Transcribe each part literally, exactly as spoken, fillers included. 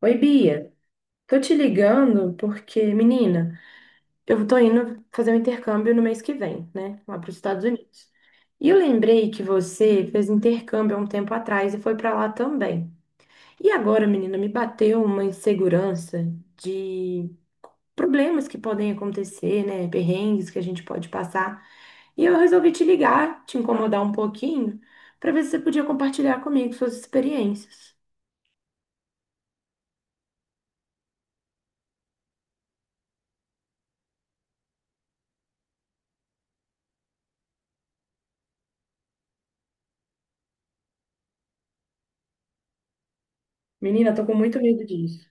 Oi, Bia. Tô te ligando porque, menina, eu tô indo fazer um intercâmbio no mês que vem, né? Lá para os Estados Unidos. E eu lembrei que você fez intercâmbio há um tempo atrás e foi para lá também. E agora, menina, me bateu uma insegurança de problemas que podem acontecer, né? Perrengues que a gente pode passar. E eu resolvi te ligar, te incomodar um pouquinho, para ver se você podia compartilhar comigo suas experiências. Menina, tô com muito medo disso.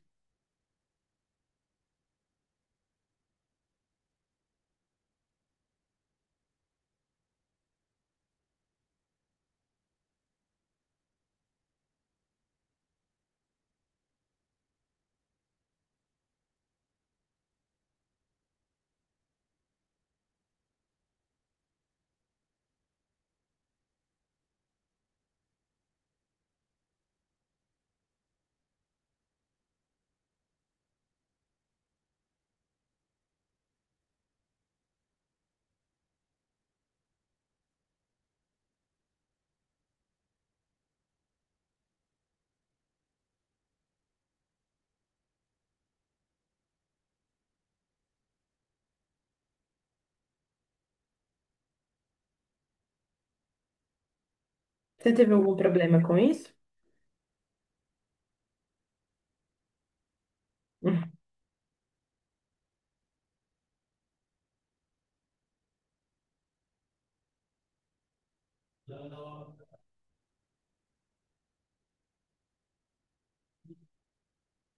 Você teve algum problema com isso?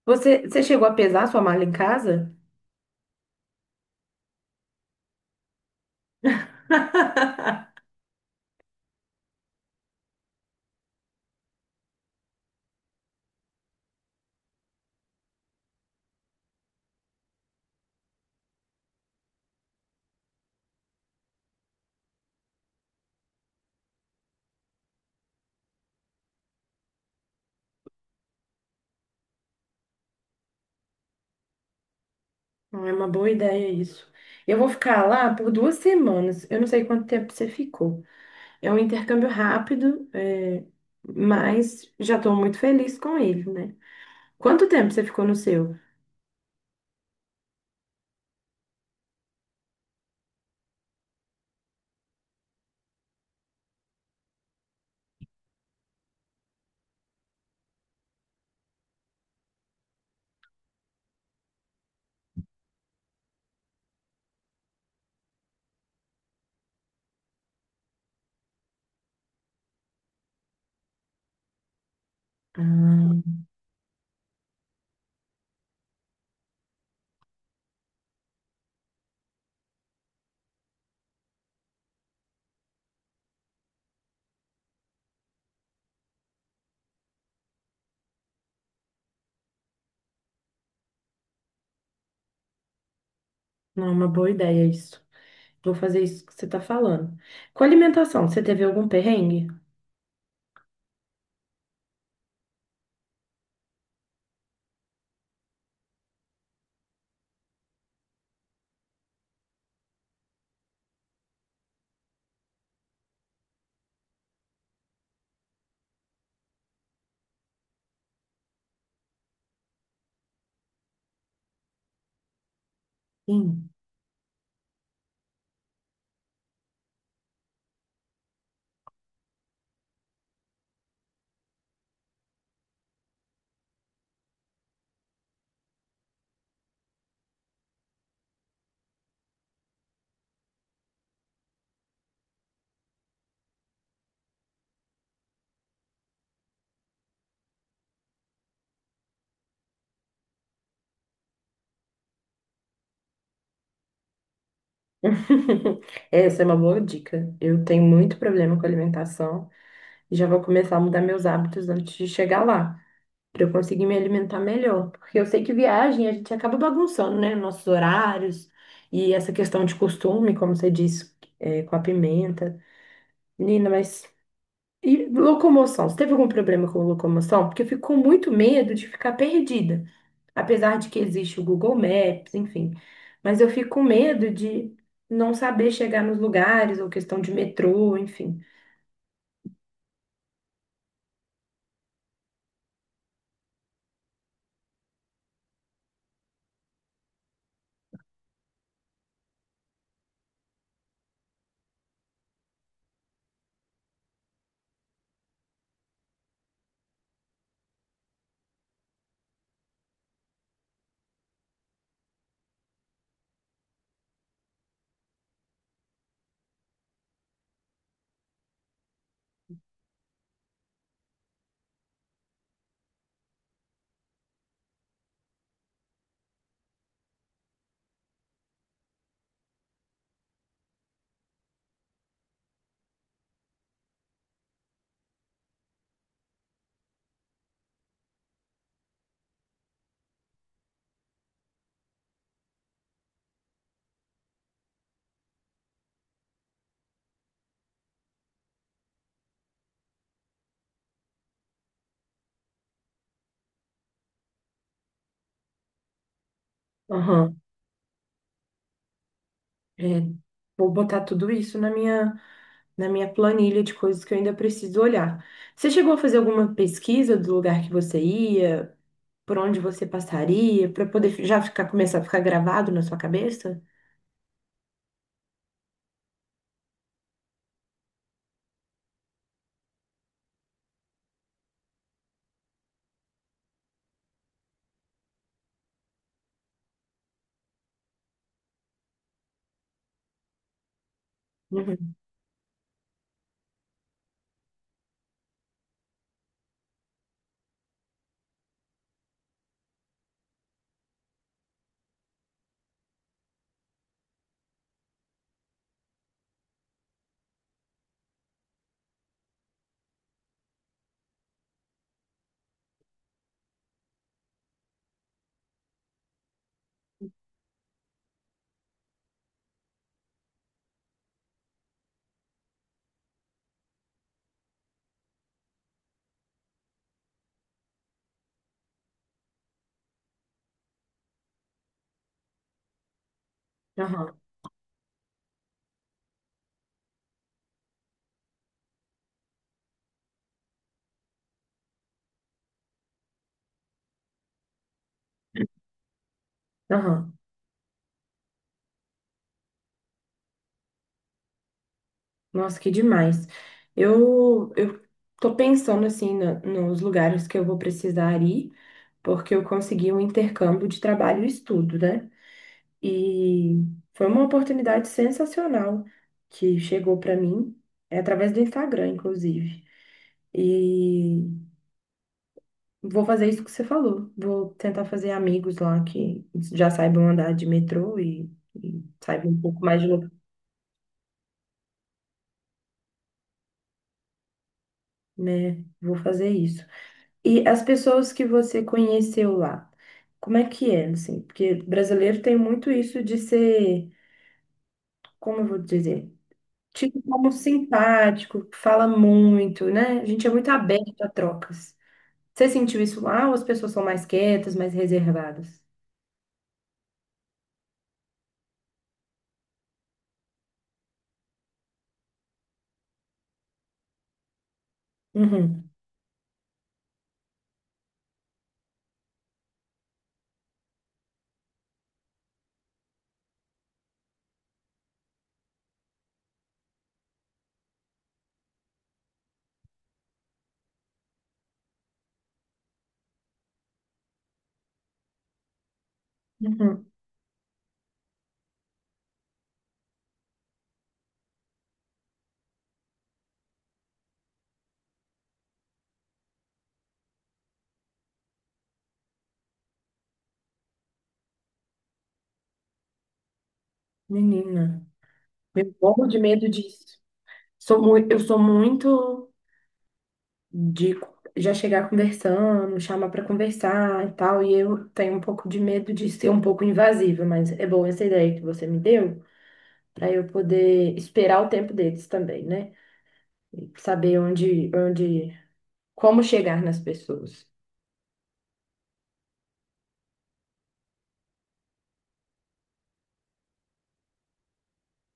Você, você chegou a pesar sua mala em casa? Não é uma boa ideia isso. Eu vou ficar lá por duas semanas. Eu não sei quanto tempo você ficou. É um intercâmbio rápido, é, mas já estou muito feliz com ele, né? Quanto tempo você ficou no seu? Ah, não é uma boa ideia isso. Vou fazer isso que você está falando. Com alimentação, você teve algum perrengue? Sim. Essa é uma boa dica. Eu tenho muito problema com alimentação e já vou começar a mudar meus hábitos antes de chegar lá, para eu conseguir me alimentar melhor. Porque eu sei que viagem a gente acaba bagunçando, né? Nossos horários e essa questão de costume, como você disse, é, com a pimenta. Menina, mas. E locomoção? Você teve algum problema com locomoção? Porque eu fico com muito medo de ficar perdida. Apesar de que existe o Google Maps, enfim. Mas eu fico com medo de não saber chegar nos lugares, ou questão de metrô, enfim. É, vou botar tudo isso na minha, na minha planilha de coisas que eu ainda preciso olhar. Você chegou a fazer alguma pesquisa do lugar que você ia, por onde você passaria, para poder fi- já ficar, começar a ficar gravado na sua cabeça? Uhum. Aham, aham. Nossa, que demais. Eu, eu tô pensando assim na- nos lugares que eu vou precisar ir, porque eu consegui um intercâmbio de trabalho e estudo, né? E foi uma oportunidade sensacional que chegou para mim, é através do Instagram, inclusive. E vou fazer isso que você falou. Vou tentar fazer amigos lá que já saibam andar de metrô e, e saibam um pouco mais de lugar, né? Vou fazer isso. E as pessoas que você conheceu lá, como é que é, assim? Porque brasileiro tem muito isso de ser, como eu vou dizer? Tipo, como simpático, fala muito, né? A gente é muito aberto a trocas. Você sentiu isso lá ou as pessoas são mais quietas, mais reservadas? Uhum, uhum. Menina, eu morro de medo disso. Sou mui- eu sou muito de já chegar conversando, chamar para conversar e tal, e eu tenho um pouco de medo de ser um pouco invasiva, mas é boa essa ideia que você me deu, para eu poder esperar o tempo deles também, né? E saber onde, onde, como chegar nas pessoas.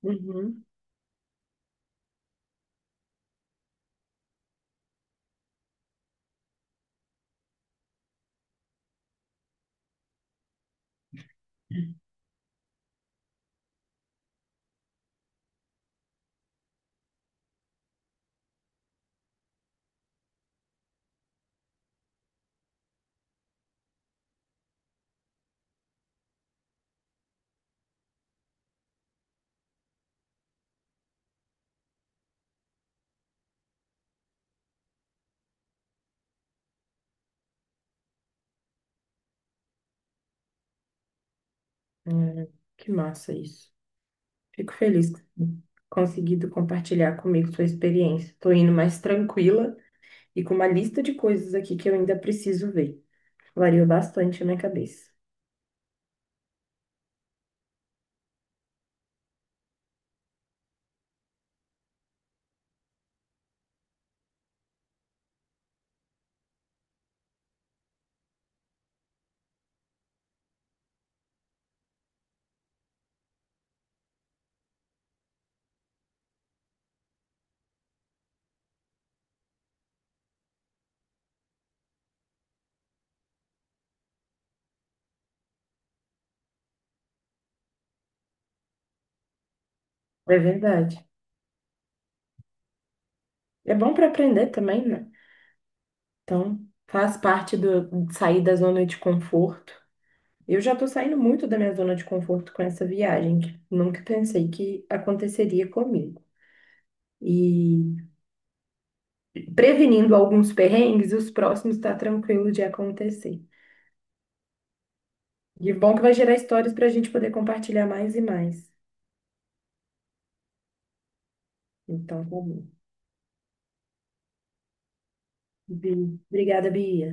Uhum. Hum, que massa isso. Fico feliz que você tenha conseguido compartilhar comigo sua experiência. Estou indo mais tranquila e com uma lista de coisas aqui que eu ainda preciso ver. Variou bastante a minha cabeça. É verdade. É bom para aprender também, né? Então, faz parte do de sair da zona de conforto. Eu já estou saindo muito da minha zona de conforto com essa viagem, que nunca pensei que aconteceria comigo. E prevenindo alguns perrengues, os próximos tá tranquilo de acontecer. E bom que vai gerar histórias para a gente poder compartilhar mais e mais. Então, tá bom. Bi, obrigada, Bia.